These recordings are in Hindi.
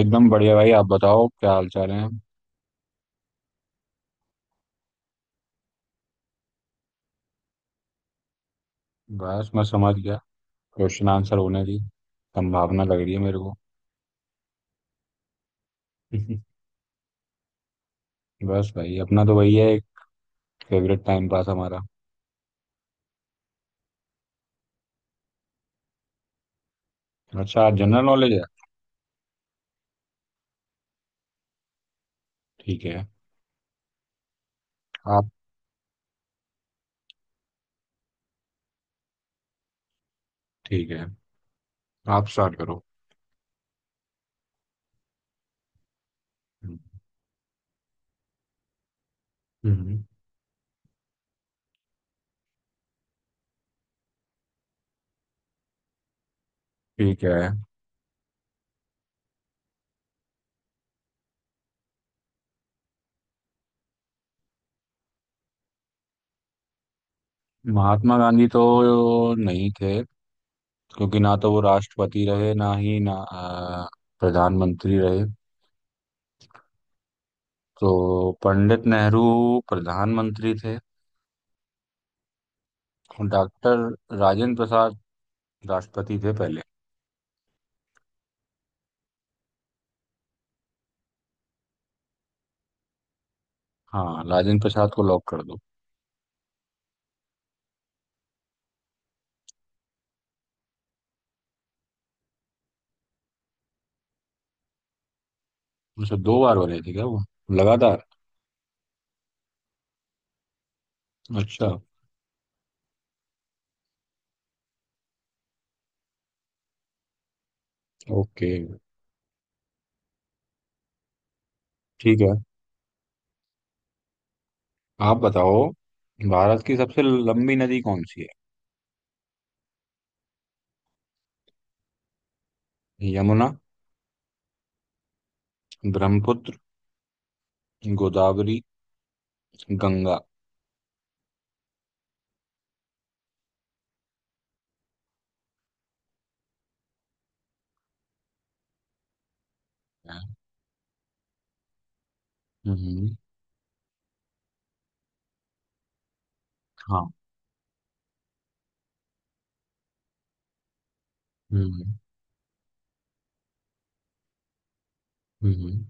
एकदम बढ़िया भाई आप बताओ क्या हाल चाल है। बस मैं समझ गया। क्वेश्चन आंसर होने की संभावना लग रही है मेरे को। बस भाई अपना तो वही है एक फेवरेट टाइम पास हमारा। अच्छा आज जनरल नॉलेज है। ठीक है। आप। ठीक है। आप स्टार्ट करो। हम्म। ठीक है। महात्मा गांधी तो नहीं थे क्योंकि ना तो वो राष्ट्रपति रहे ना ही ना प्रधानमंत्री रहे। तो पंडित नेहरू प्रधानमंत्री थे। डॉक्टर राजेंद्र प्रसाद राष्ट्रपति थे पहले। हाँ, राजेंद्र प्रसाद को लॉक कर दो। उनसे 2 बार बने थे क्या वो लगातार? अच्छा। ओके। ठीक है, आप बताओ। भारत की सबसे लंबी नदी कौन सी है? यमुना, ब्रह्मपुत्र, गोदावरी, गंगा। हम्म। हाँ। हम्म। हम्म।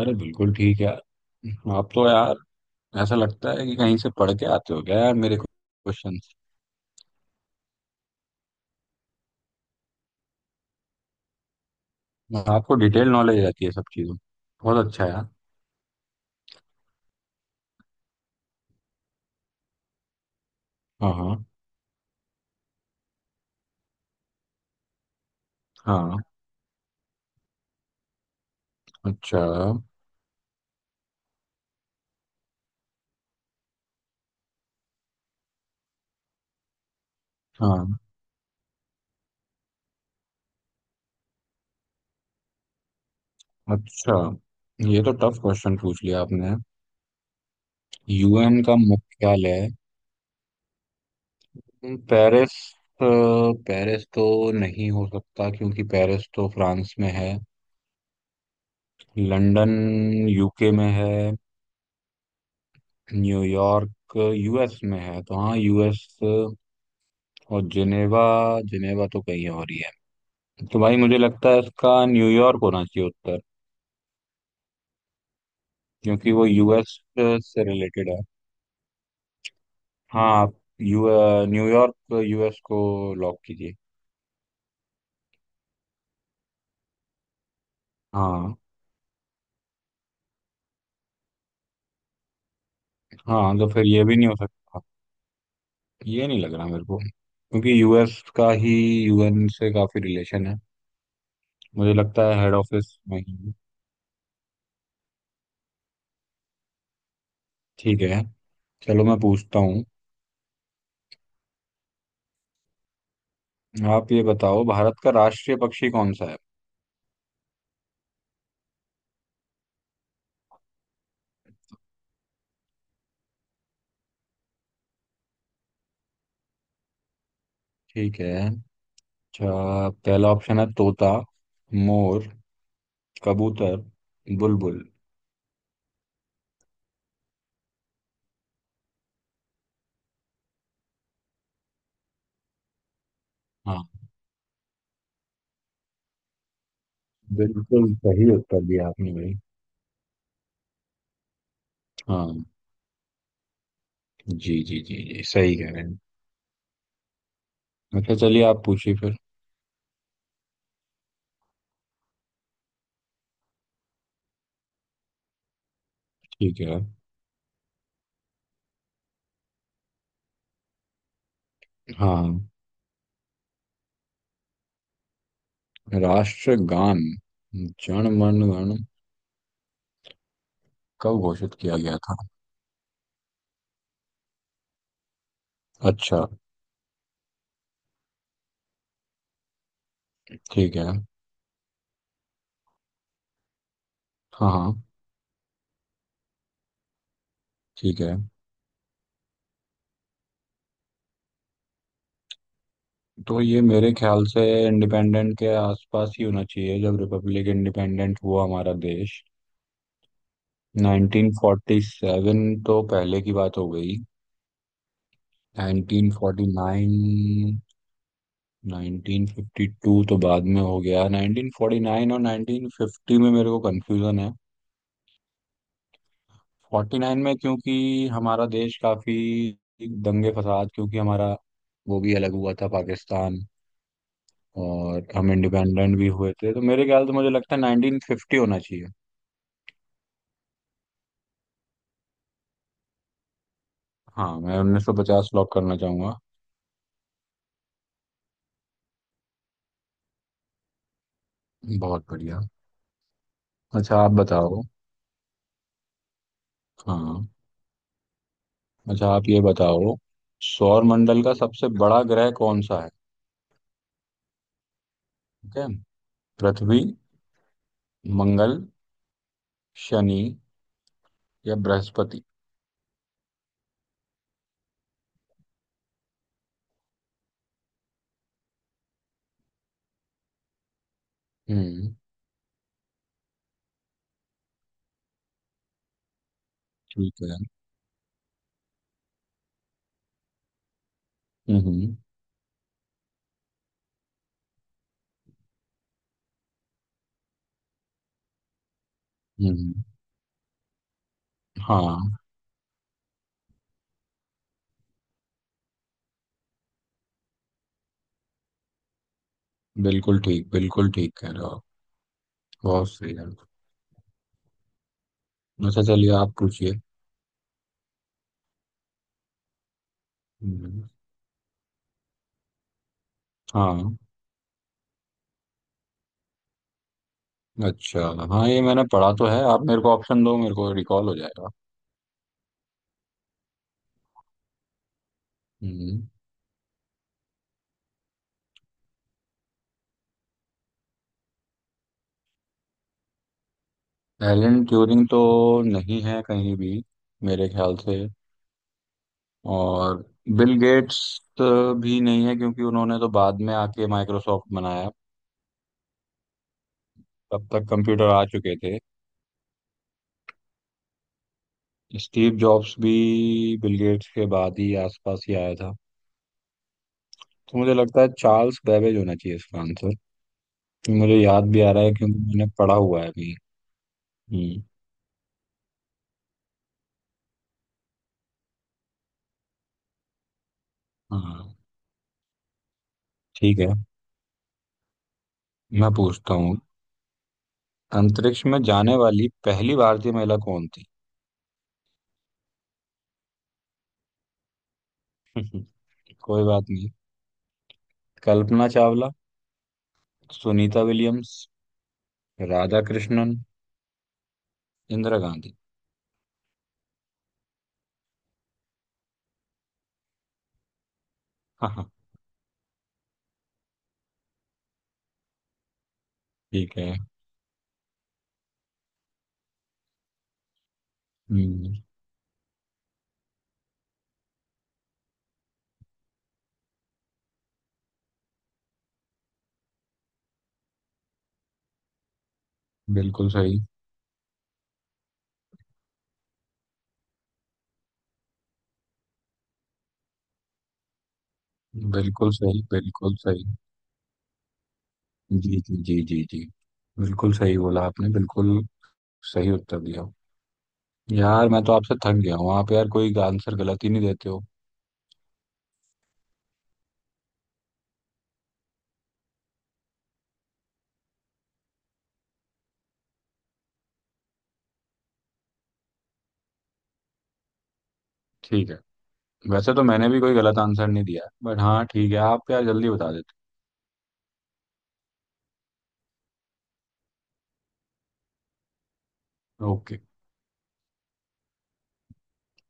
अरे बिल्कुल ठीक है। आप तो यार, ऐसा लगता है कि कहीं से पढ़ के आते हो क्या यार मेरे क्वेश्चन। आपको डिटेल नॉलेज रहती है सब चीजों की। बहुत अच्छा यार। हाँ, हाँ, हाँ। अच्छा। हाँ। अच्छा, ये तो टफ क्वेश्चन पूछ लिया आपने। यूएन का मुख्यालय? पेरिस, अ, पेरिस तो नहीं हो सकता क्योंकि पेरिस तो फ्रांस में है। लंदन यूके में है। न्यूयॉर्क यूएस में है, तो हाँ, यूएस। और जिनेवा। जिनेवा तो कहीं और ही है। तो भाई मुझे लगता है इसका न्यूयॉर्क होना चाहिए उत्तर। क्योंकि वो यूएस से रिलेटेड है। हाँ, आप यू न्यूयॉर्क यूएस को लॉक कीजिए। हाँ, हाँ। तो फिर ये भी नहीं हो सकता। ये नहीं लग रहा मेरे को क्योंकि यूएस का ही यूएन से काफी रिलेशन है। मुझे लगता है हेड ऑफिस वहीं है। ठीक है। चलो मैं पूछता हूँ। आप ये बताओ भारत का राष्ट्रीय पक्षी कौन सा है? ठीक है। अच्छा, पहला ऑप्शन है तोता, मोर, कबूतर, बुलबुल। हाँ। बिल्कुल सही उत्तर दिया आपने भाई। हाँ, जी जी जी जी, सही कह रहे हैं। अच्छा, चलिए आप पूछिए फिर। ठीक है। हाँ। राष्ट्रगान जन गण मन गण कब घोषित किया गया था? अच्छा। ठीक है। हाँ, हाँ। ठीक है। तो ये मेरे ख्याल से इंडिपेंडेंट के आसपास ही होना चाहिए, जब रिपब्लिक इंडिपेंडेंट हुआ हमारा देश। 1947 तो पहले की बात हो गई। 1949, 1952 तो बाद में हो गया। 1949 और 1950 में मेरे को कंफ्यूजन है। फोर्टी नाइन में क्योंकि हमारा देश काफी दंगे फसाद, क्योंकि हमारा वो भी अलग हुआ था पाकिस्तान और हम इंडिपेंडेंट भी हुए थे, तो मेरे ख्याल से मुझे लगता है नाइनटीन फिफ्टी होना चाहिए। हाँ, मैं उन्नीस सौ पचास लॉक करना चाहूंगा। बहुत बढ़िया। अच्छा, आप बताओ। हाँ। अच्छा, आप ये बताओ सौर मंडल का सबसे बड़ा ग्रह कौन सा है? ठीक है। पृथ्वी, मंगल, शनि या बृहस्पति। हम्म। ठीक है। हम्म। हम्म। हम्म। हाँ, बिल्कुल ठीक, बिल्कुल ठीक कह रहे हो आप। बहुत सही है। अच्छा, चलिए आप पूछिए। हम्म। हाँ। अच्छा। हाँ, ये मैंने पढ़ा तो है, आप मेरे को ऑप्शन दो, मेरे को रिकॉल हो जाएगा। हम्म। एलन ट्यूरिंग तो नहीं है कहीं भी मेरे ख्याल से। और बिल गेट्स भी नहीं है क्योंकि उन्होंने तो बाद में आके माइक्रोसॉफ्ट बनाया। तब तक कंप्यूटर आ चुके थे। स्टीव जॉब्स भी बिल गेट्स के बाद ही आसपास ही आया था। तो मुझे लगता है चार्ल्स बेबेज होना चाहिए इसका आंसर। मुझे याद भी आ रहा है क्योंकि मैंने पढ़ा हुआ है अभी। हम्म। हाँ। ठीक है। मैं पूछता हूँ अंतरिक्ष में जाने वाली पहली भारतीय महिला कौन थी? कोई बात नहीं। कल्पना चावला, सुनीता विलियम्स, राधा कृष्णन, इंदिरा गांधी। हाँ, हाँ। ठीक है। हम्म। बिल्कुल सही, बिल्कुल सही, बिल्कुल सही। जी जी जी जी जी, बिल्कुल सही बोला आपने, बिल्कुल सही उत्तर दिया। यार, मैं तो आपसे थक गया हूँ, आप यार कोई आंसर गलत ही नहीं देते हो। ठीक है। वैसे तो मैंने भी कोई गलत आंसर नहीं दिया, बट हाँ ठीक है, आप यार जल्दी बता देते। ओके।